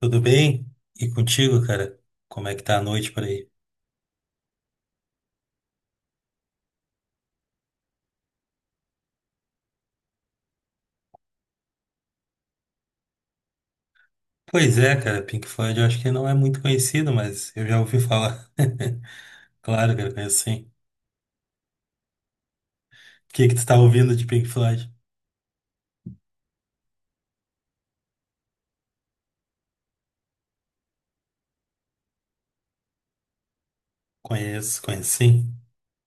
Tudo bem? E contigo, cara? Como é que tá a noite por aí? Pois é, cara, Pink Floyd eu acho que não é muito conhecido, mas eu já ouvi falar. Claro, cara, conheço sim. O que que tu tá ouvindo de Pink Floyd? Conheço sim.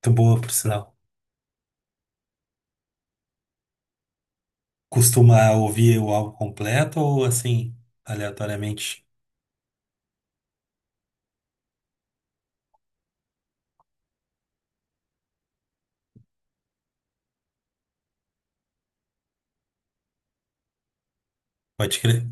Muito boa, por sinal. Costuma ouvir o álbum completo ou assim, aleatoriamente? Pode crer,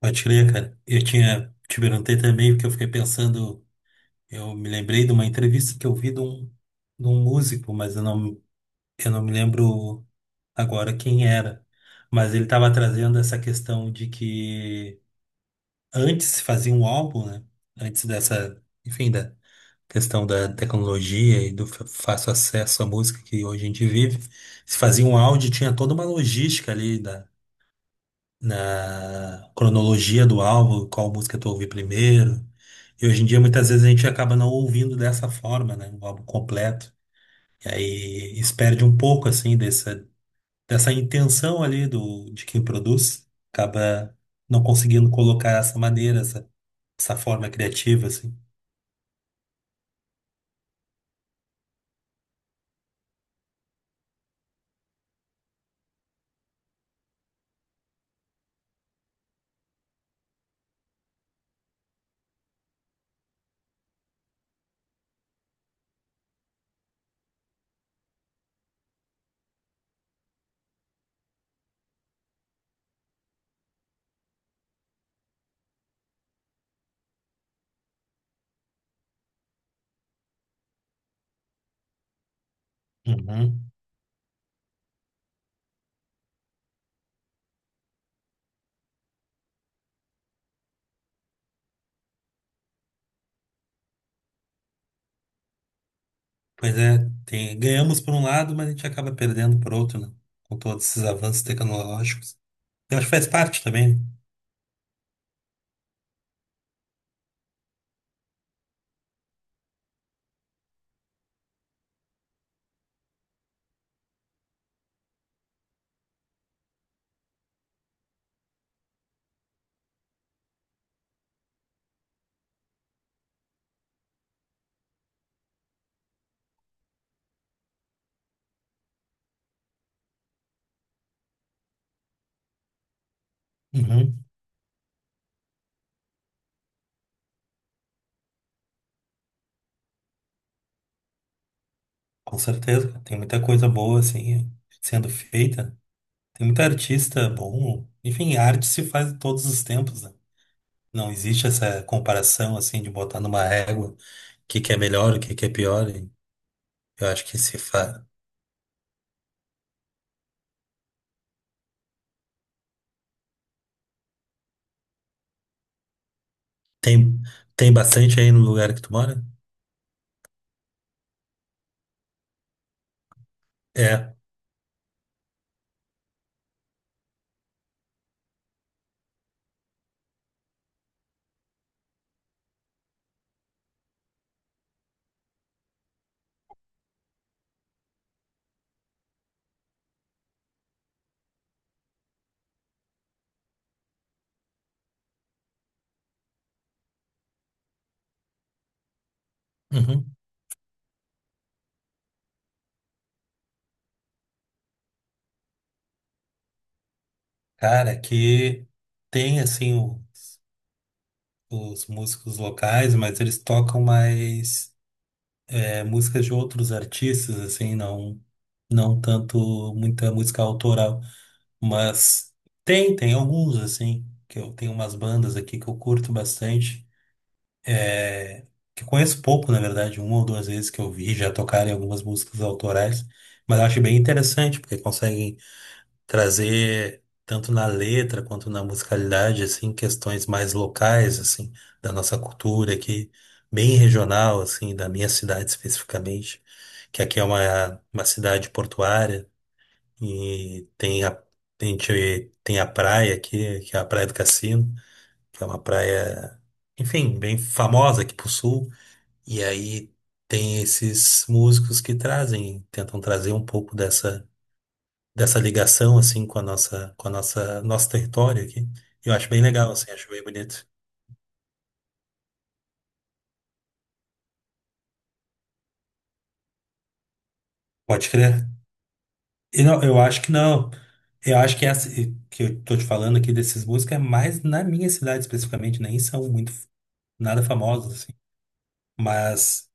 pode crer, cara. Eu tinha, te perguntei também porque eu fiquei pensando, eu me lembrei de uma entrevista que eu vi de um músico, mas eu não me lembro agora quem era, mas ele estava trazendo essa questão de que antes se fazia um álbum, né? Antes dessa, enfim, da questão da tecnologia e do fácil acesso à música que hoje a gente vive, se fazia um áudio, tinha toda uma logística ali da, na cronologia do álbum, qual música tu ouvir primeiro. E hoje em dia, muitas vezes, a gente acaba não ouvindo dessa forma, né? Um álbum completo. E aí, isso perde um pouco, assim, desse, dessa intenção ali do, de quem produz, acaba não conseguindo colocar essa maneira, essa forma criativa, assim. Uhum. Pois é, tem- ganhamos por um lado, mas a gente acaba perdendo por outro, né? Com todos esses avanços tecnológicos. Eu acho que faz parte também. Né? Uhum. Com certeza, cara. Tem muita coisa boa, assim, sendo feita. Tem muito artista bom. Enfim, a arte se faz em todos os tempos, né? Não existe essa comparação, assim, de botar numa régua o que que é melhor, o que que é pior. Eu acho que se fa... tem, tem bastante aí no lugar que tu mora? É. Uhum. Cara, que tem assim o- os músicos locais, mas eles tocam mais é, músicas de outros artistas, assim, não, não tanto muita música autoral. Mas tem alguns, assim, que eu tenho umas bandas aqui que eu curto bastante. É, que eu conheço pouco, na verdade, uma ou duas vezes que eu vi já tocarem algumas músicas autorais, mas eu acho bem interessante, porque conseguem trazer tanto na letra quanto na musicalidade assim questões mais locais assim da nossa cultura aqui bem regional assim da minha cidade especificamente que aqui é uma cidade portuária e tem a gente tem a praia aqui que é a Praia do Cassino que é uma praia enfim bem famosa aqui pro sul e aí tem esses músicos que trazem tentam trazer um pouco dessa dessa ligação assim com a nossa nosso território aqui. Eu acho bem legal assim, acho bem bonito. Pode crer. E não, eu acho que não. Eu acho que essa que eu tô te falando aqui desses músicos é mais na minha cidade especificamente, nem são muito nada famosos assim. Mas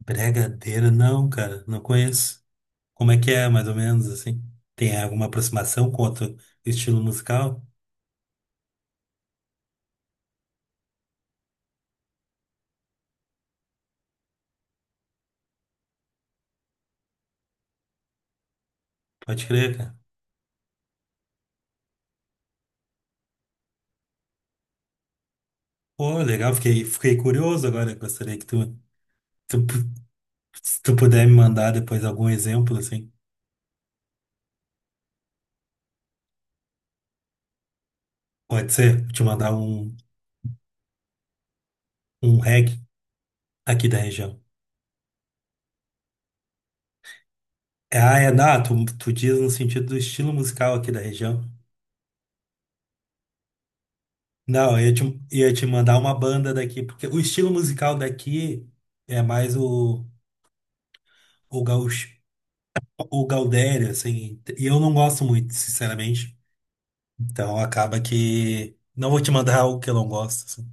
Bregadeiro não, cara, não conheço. Como é que é, mais ou menos assim? Tem alguma aproximação com outro estilo musical? Pode crer, cara. Pô, legal, fiquei curioso agora. Gostaria que tu Se tu puder me mandar depois algum exemplo, assim, pode ser? Vou te mandar um, um reggae aqui da região. É, ah, é, não, tu diz no sentido do estilo musical aqui da região. Não, eu ia te mandar uma banda daqui, porque o estilo musical daqui é mais o, gaúcho, o gaudério, assim, e eu não gosto muito, sinceramente. Então acaba que não vou te mandar algo que eu não gosto, assim.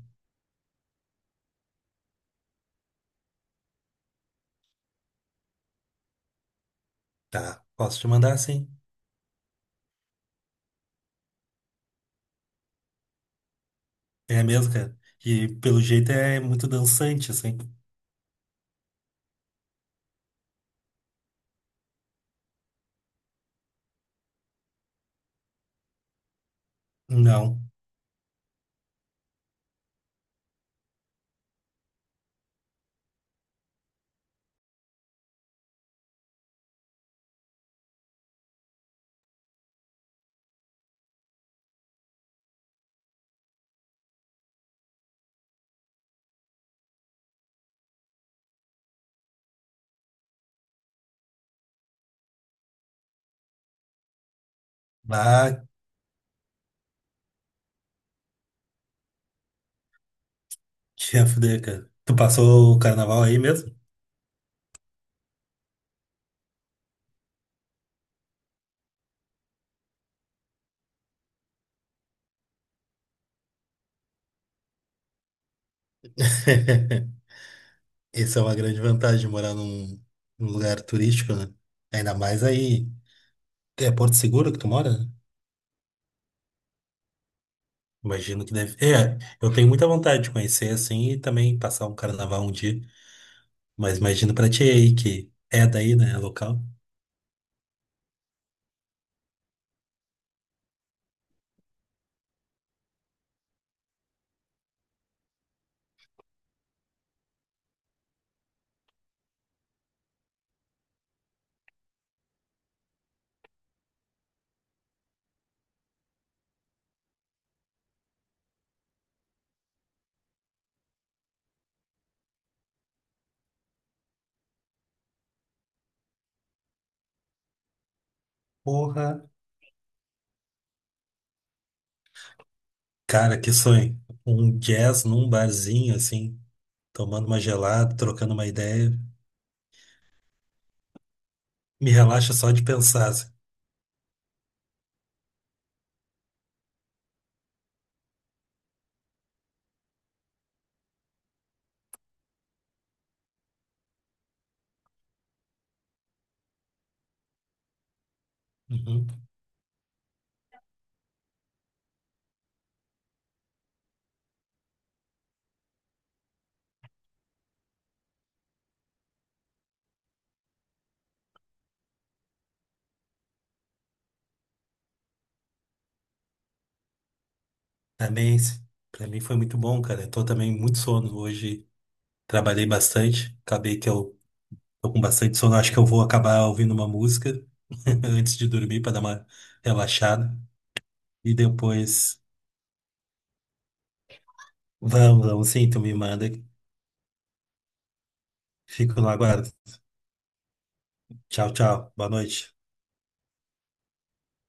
Tá, posso te mandar, sim. É mesmo, cara. E pelo jeito é muito dançante, assim. Não. Ah, tinha fuder, cara. Tu passou o carnaval aí mesmo? Essa é uma grande vantagem de morar num, num lugar turístico, né? Ainda mais aí. É Porto Seguro que tu mora, né? Imagino que deve. É, eu tenho muita vontade de conhecer assim e também passar um carnaval um dia. Mas imagino pra ti aí que é daí, né? É local. Porra. Cara, que sonho. Um jazz num barzinho assim, tomando uma gelada, trocando uma ideia. Me relaxa só de pensar assim. Uhum. Também, para mim foi muito bom, cara. Eu tô também muito sono hoje. Trabalhei bastante. Acabei que eu tô com bastante sono. Acho que eu vou acabar ouvindo uma música antes de dormir para dar uma relaxada. E depois, vamos sim, tu me manda. Fico no aguardo. Tchau, tchau. Boa noite.